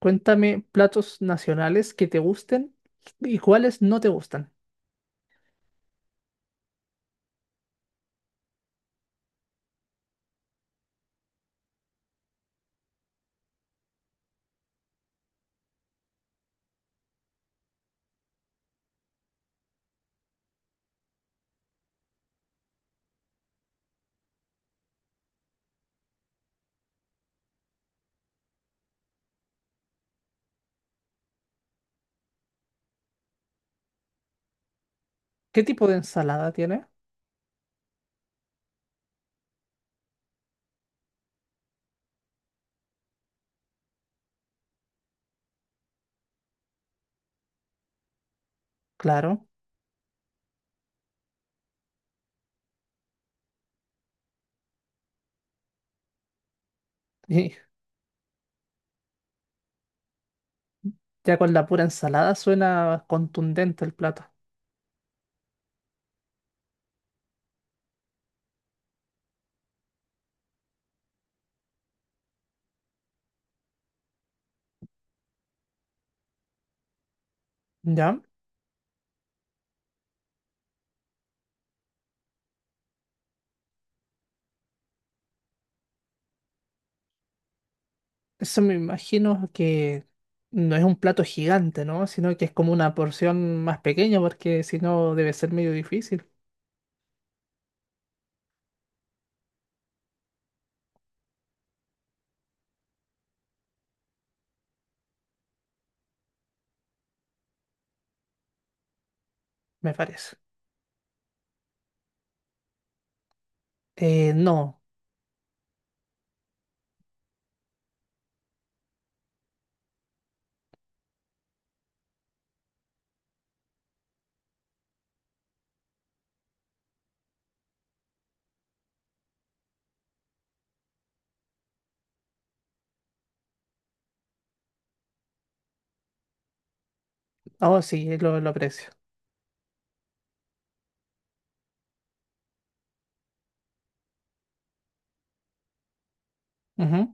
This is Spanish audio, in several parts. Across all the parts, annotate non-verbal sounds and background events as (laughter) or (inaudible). Cuéntame platos nacionales que te gusten y cuáles no te gustan. ¿Qué tipo de ensalada tiene? Claro, (laughs) y ya con la pura ensalada suena contundente el plato. ¿Ya? Eso me imagino que no es un plato gigante, ¿no? Sino que es como una porción más pequeña porque si no debe ser medio difícil, me parece. No. Oh, sí, lo aprecio. Ujú.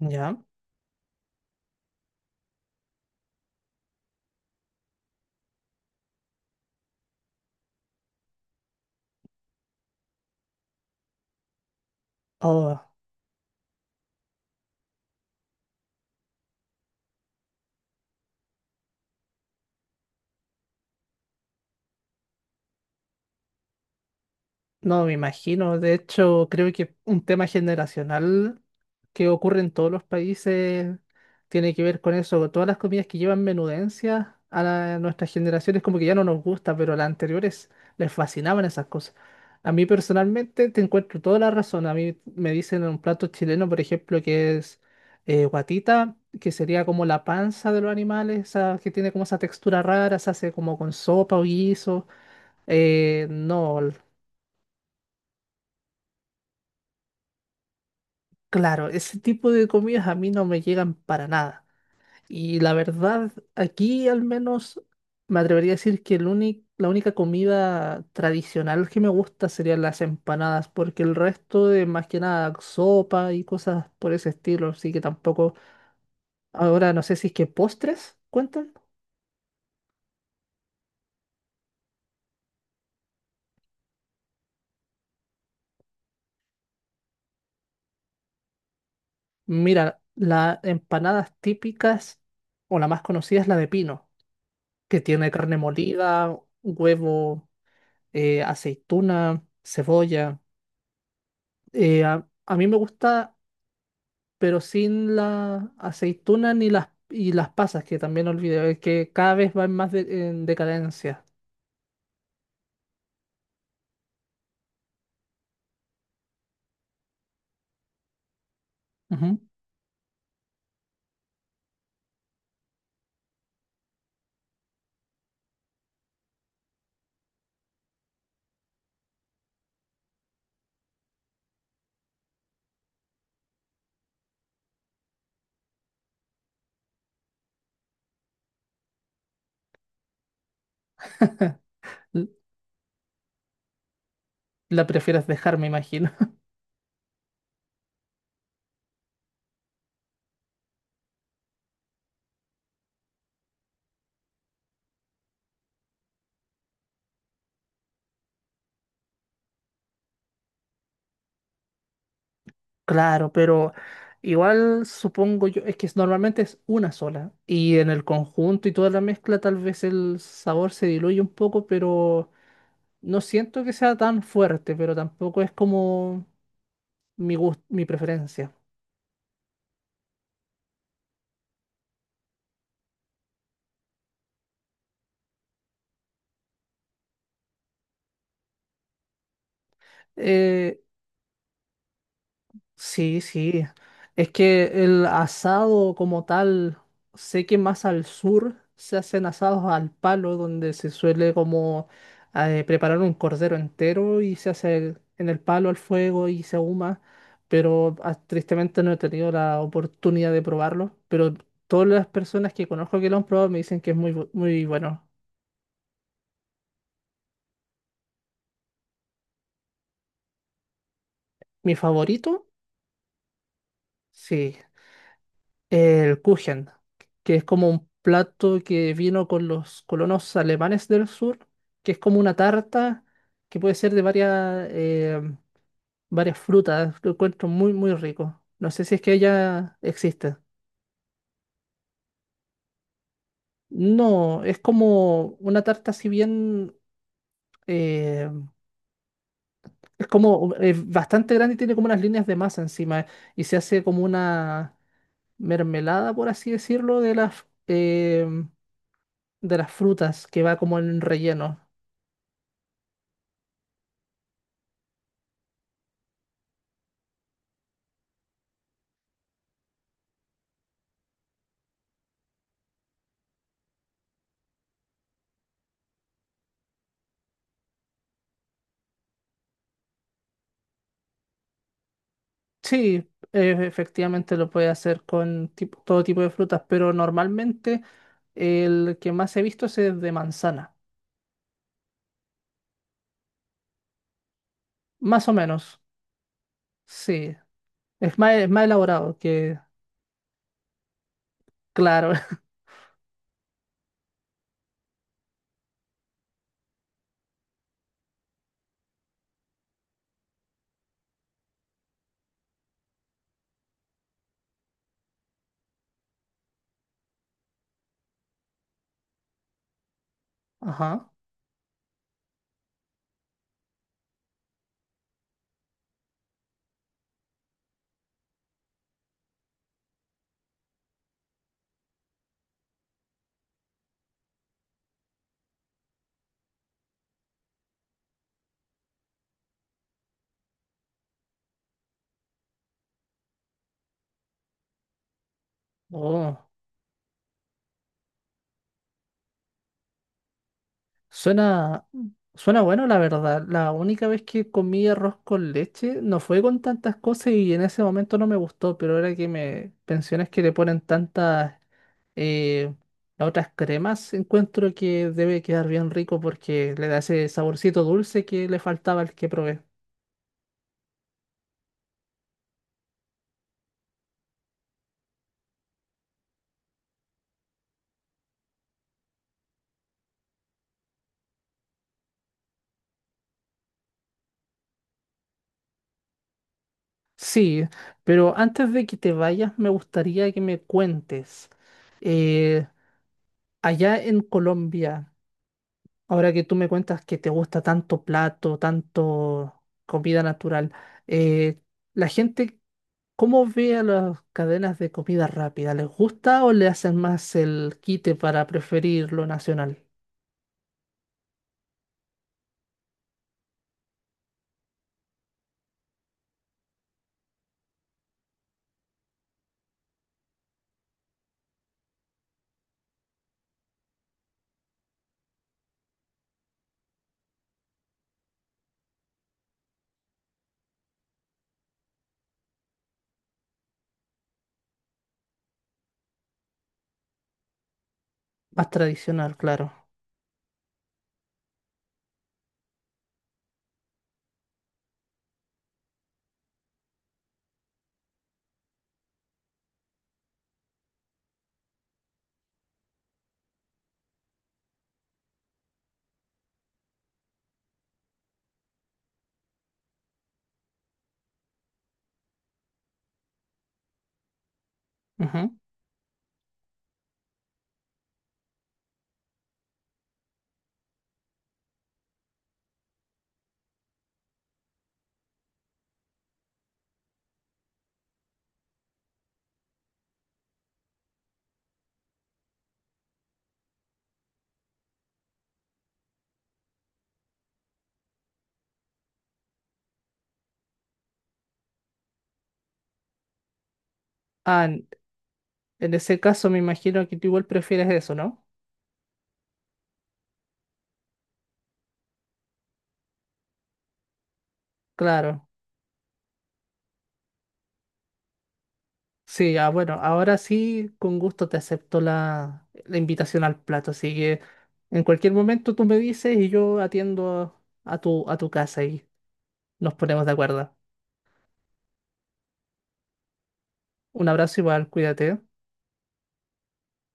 ¿Ya? Oh, no, me imagino. De hecho, creo que un tema generacional que ocurre en todos los países tiene que ver con eso. Todas las comidas que llevan menudencia a la- nuestras generaciones como que ya no nos gusta, pero a las anteriores les fascinaban esas cosas. A mí personalmente te encuentro toda la razón. A mí me dicen un plato chileno, por ejemplo, que es guatita, que sería como la panza de los animales, esa que tiene como esa textura rara, se hace como con sopa o guiso. No, claro, ese tipo de comidas a mí no me llegan para nada. Y la verdad, aquí al menos me atrevería a decir que el únic- la única comida tradicional que me gusta serían las empanadas, porque el resto de más que nada sopa y cosas por ese estilo, así que tampoco. Ahora no sé si es que postres cuentan. Mira, las empanadas típicas o la más conocida es la de pino, que tiene carne molida, huevo, aceituna, cebolla. A mí me gusta, pero sin la aceituna ni las, y las pasas, que también olvidé, que cada vez va en más de- en decadencia. Ujú. L- la prefieres dejar, me imagino. (laughs) Claro, pero igual supongo yo, es que es- normalmente es una sola y en el conjunto y toda la mezcla tal vez el sabor se diluye un poco, pero no siento que sea tan fuerte, pero tampoco es como mi gusto, mi preferencia. Eh, Sí, sí. Es que el asado como tal, sé que más al sur se hacen asados al palo, donde se suele como preparar un cordero entero y se hace el- en el palo al fuego y se ahuma, pero tristemente no he tenido la oportunidad de probarlo, pero todas las personas que conozco que lo han probado me dicen que es muy, bu- muy bueno. Mi favorito, sí, el Kuchen, que es como un plato que vino con los colonos alemanes del sur, que es como una tarta que puede ser de varias, varias frutas. Lo encuentro muy, muy rico. No sé si es que ella existe. No, es como una tarta, si bien eh, es como bastante grande y tiene como unas líneas de masa encima y se hace como una mermelada, por así decirlo, de de las frutas que va como en relleno. Sí, efectivamente lo puede hacer con tipo- todo tipo de frutas, pero normalmente el que más he visto es el de manzana. Más o menos, sí. Es más elaborado que, claro. (laughs) Ajá. Oh, suena, suena bueno, la verdad. La única vez que comí arroz con leche no fue con tantas cosas y en ese momento no me gustó, pero ahora que me pensiones que le ponen tantas. Eh, las otras cremas encuentro que debe quedar bien rico porque le da ese saborcito dulce que le faltaba al que probé. Sí, pero antes de que te vayas, me gustaría que me cuentes. eh, allá en Colombia, ahora que tú me cuentas que te gusta tanto plato, tanto comida natural, eh, la gente, ¿cómo ve a las cadenas de comida rápida? ¿Les gusta o le hacen más el quite para preferir lo nacional? Más tradicional, claro. Ujú. Ah, en ese caso me imagino que tú igual prefieres eso, ¿no? Claro. Sí, ah, bueno, ahora sí, con gusto te acepto la invitación al plato, así que en cualquier momento tú me dices y yo atiendo a a tu casa y nos ponemos de acuerdo. Un abrazo igual, cuídate.